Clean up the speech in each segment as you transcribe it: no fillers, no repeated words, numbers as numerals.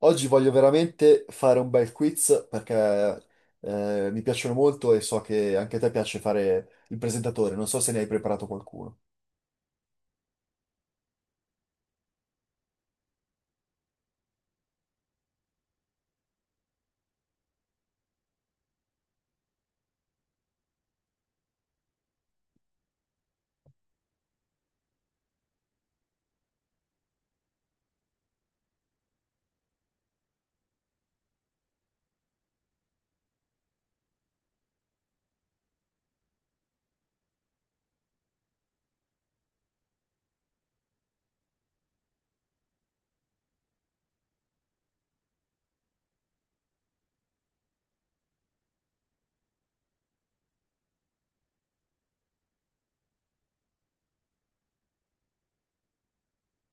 Oggi voglio veramente fare un bel quiz perché mi piacciono molto e so che anche a te piace fare il presentatore. Non so se ne hai preparato qualcuno.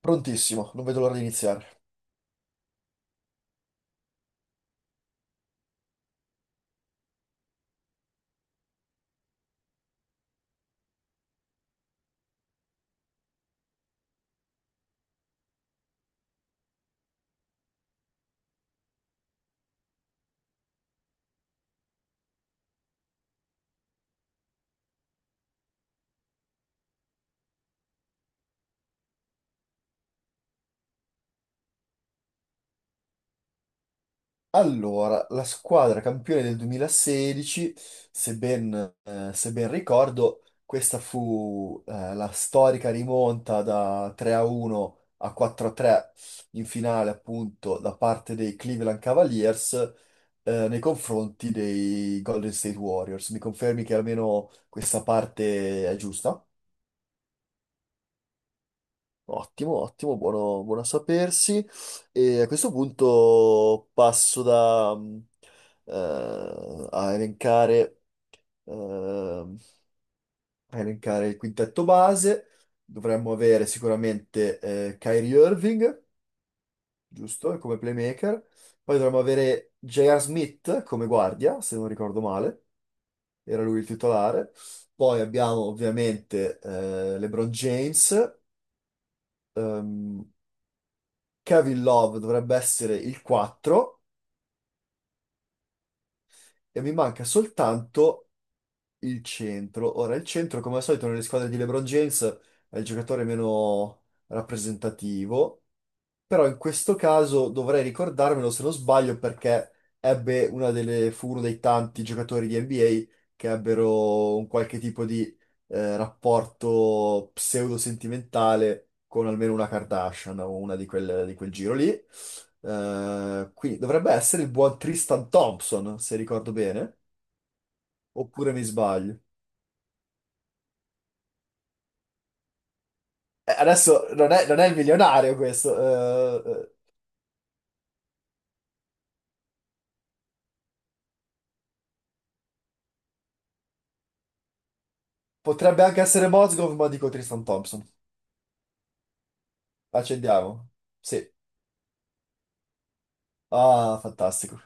Prontissimo, non vedo l'ora di iniziare. Allora, la squadra campione del 2016, se ben, se ben ricordo, questa fu la storica rimonta da 3 a 1 a 4 a 3 in finale, appunto, da parte dei Cleveland Cavaliers nei confronti dei Golden State Warriors. Mi confermi che almeno questa parte è giusta? Ottimo, ottimo, buono, buono a sapersi. E a questo punto passo a eh, elencare il quintetto base. Dovremmo avere sicuramente Kyrie Irving, giusto, come playmaker. Poi dovremmo avere J.R. Smith come guardia, se non ricordo male, era lui il titolare. Poi abbiamo ovviamente LeBron James. ehm, Kevin Love dovrebbe essere il 4 e mi manca soltanto il centro. Ora, il centro, come al solito, nelle squadre di LeBron James è il giocatore meno rappresentativo. Però in questo caso dovrei ricordarmelo se non sbaglio perché ebbe una delle, fu uno dei tanti giocatori di NBA che ebbero un qualche tipo di rapporto pseudo-sentimentale con almeno una Kardashian o una di quel giro lì. Quindi dovrebbe essere il buon Tristan Thompson, se ricordo bene, oppure mi sbaglio. Adesso non è il milionario questo, eh, eh, potrebbe anche essere Mozgov, ma dico Tristan Thompson. Accendiamo. Sì. Ah, fantastico.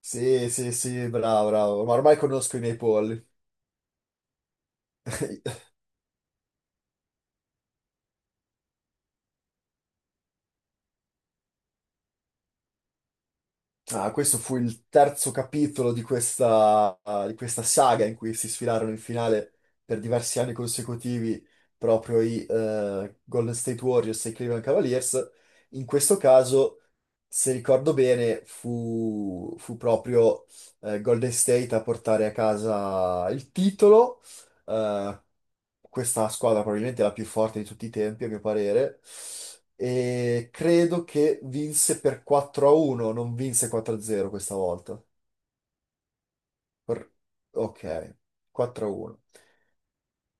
Sì, sì, sì, bravo, bravo. Ma ormai conosco i miei polli. Ah, questo fu il terzo capitolo di questa, ah, di questa saga in cui si sfilarono in finale per diversi anni consecutivi proprio i Golden State Warriors e i Cleveland Cavaliers. In questo caso, se ricordo bene, fu proprio Golden State a portare a casa il titolo eh, Questa squadra probabilmente è la più forte di tutti i tempi, a mio parere. E credo che vinse per 4-1, non vinse 4-0 questa volta. Per- Ok, 4-1.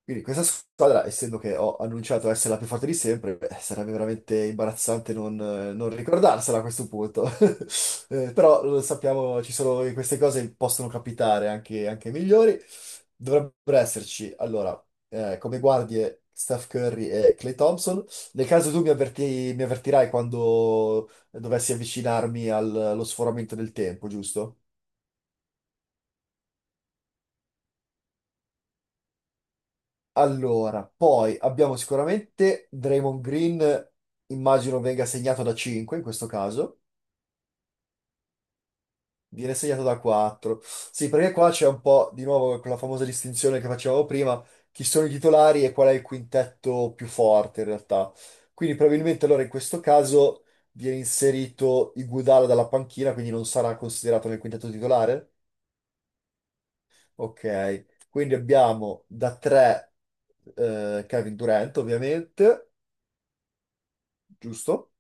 Quindi questa squadra, essendo che ho annunciato essere la più forte di sempre, beh, sarebbe veramente imbarazzante non ricordarsela a questo punto. Però lo sappiamo, ci sono queste cose possono capitare anche ai migliori. Dovrebbero esserci, allora, come guardie Steph Curry e Clay Thompson. Nel caso mi avvertirai quando dovessi avvicinarmi allo sforamento del tempo, giusto? Allora, poi abbiamo sicuramente Draymond Green, immagino venga segnato da 5 in questo caso, viene segnato da 4. Sì, perché qua c'è un po' di nuovo quella famosa distinzione che facevamo prima, chi sono i titolari e qual è il quintetto più forte in realtà. Quindi probabilmente allora in questo caso viene inserito Iguodala dalla panchina, quindi non sarà considerato nel quintetto titolare. Ok, quindi abbiamo da 3 Kevin Durant ovviamente, giusto?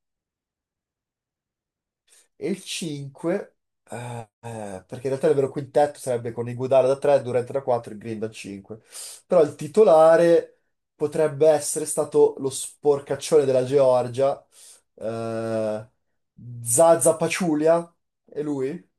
E il 5, eh, perché in realtà il vero quintetto sarebbe con Iguodala da 3, Durant da 4 e Green da 5. Però il titolare potrebbe essere stato lo sporcaccione della Georgia, eh, Zaza Pachulia, è lui?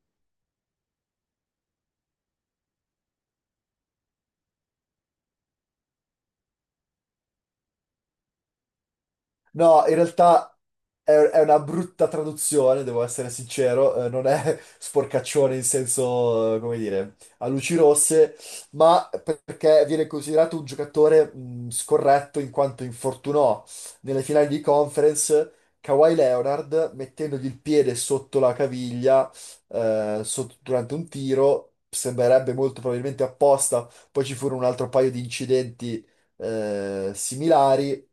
No, in realtà è una brutta traduzione, devo essere sincero, non è sporcaccione in senso, come dire, a luci rosse, ma perché viene considerato un giocatore scorretto in quanto infortunò nelle finali di conference Kawhi Leonard mettendogli il piede sotto la caviglia durante un tiro, sembrerebbe molto probabilmente apposta, poi ci furono un altro paio di incidenti similari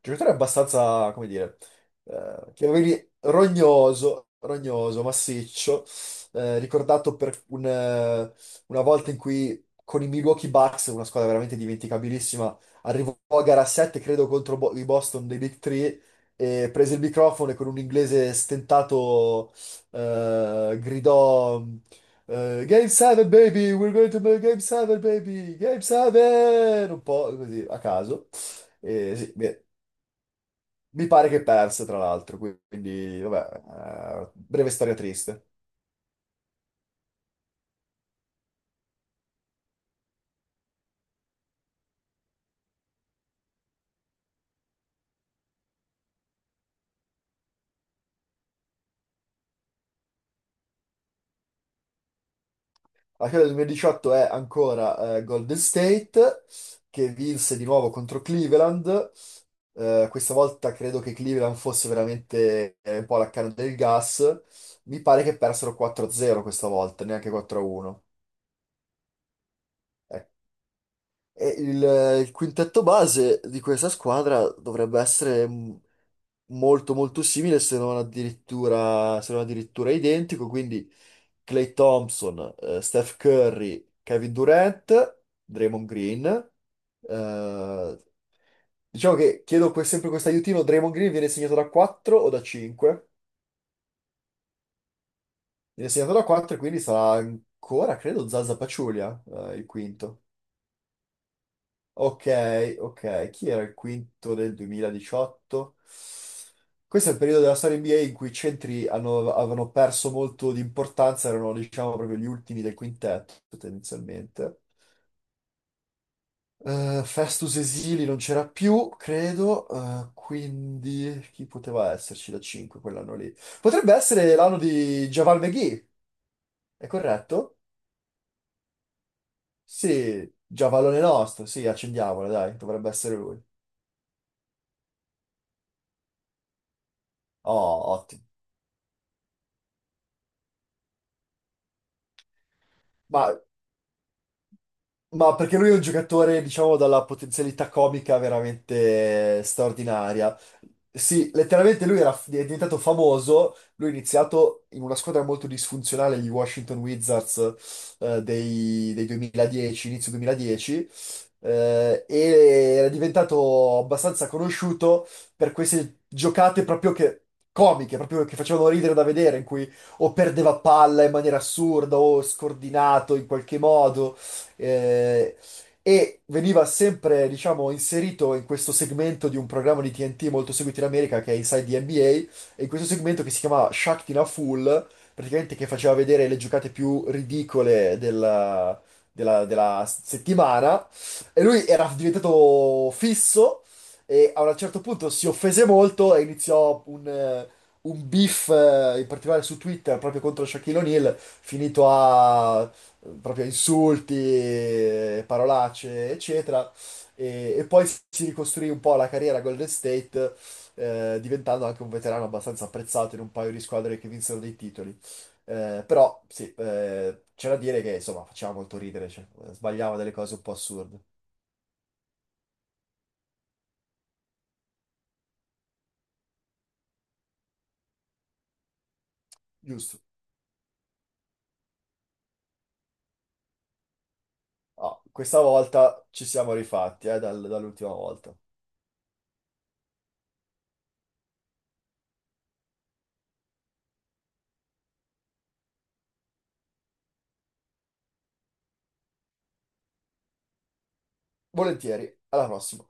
giocatore abbastanza, come dire, che avevi rognoso, rognoso, massiccio, ricordato per una volta in cui con i Milwaukee Bucks, una squadra veramente dimenticabilissima, arrivò a gara 7, credo, contro i Boston dei Big Three, e prese il microfono e con un inglese stentato gridò... Game 7 baby, we're going to make Game 7 baby, Game 7! Un po' così a caso. Sì, beh, mi pare che perse, tra l'altro, quindi, vabbè, breve storia triste. Alla fine del 2018 è ancora Golden State, che vinse di nuovo contro Cleveland. Questa volta credo che Cleveland fosse veramente un po' la canna del gas. Mi pare che persero 4-0 questa volta, neanche 4-1. E il quintetto base di questa squadra dovrebbe essere molto molto simile, se non addirittura identico. Quindi Klay Thompson, Steph Curry, Kevin Durant, Draymond Green. Eh, diciamo che sempre questo aiutino, Draymond Green viene segnato da 4 o da 5? Viene segnato da 4 e quindi sarà ancora, credo, Zaza Pachulia, il quinto. Ok, ok. Chi era il quinto del 2018? Questo è il periodo della storia NBA in cui avevano perso molto di importanza, erano diciamo proprio gli ultimi del quintetto tendenzialmente. Festus Esili non c'era più, credo, quindi chi poteva esserci da 5 quell'anno lì? Potrebbe essere l'anno di Javal McGee, è corretto? Sì, Javalone nostro, sì, accendiamola, dai, dovrebbe essere lui. Oh, ottimo. Ma Ma perché lui è un giocatore, diciamo, dalla potenzialità comica veramente straordinaria. Sì, letteralmente lui era, è diventato famoso, lui ha iniziato in una squadra molto disfunzionale, gli Washington Wizards, dei 2010, inizio 2010, eh, e era diventato abbastanza conosciuto per queste giocate proprio che, comiche, proprio che facevano ridere da vedere, in cui o perdeva palla in maniera assurda o scordinato in qualche modo eh, e veniva sempre, diciamo, inserito in questo segmento di un programma di TNT molto seguito in America che è Inside the NBA, e in questo segmento che si chiamava Shaq in a Fool, praticamente che faceva vedere le giocate più ridicole della, della settimana, e lui era diventato fisso, e a un certo punto si offese molto e iniziò un beef in particolare su Twitter proprio contro Shaquille O'Neal, finito a proprio insulti, parolacce, eccetera. E poi si ricostruì un po' la carriera a Golden State, diventando anche un veterano abbastanza apprezzato in un paio di squadre che vinsero dei titoli. Però sì, c'è da dire che insomma faceva molto ridere, cioè, sbagliava delle cose un po' assurde. Giusto. Ah, questa volta ci siamo rifatti, dall'ultima volta. Volentieri, alla prossima.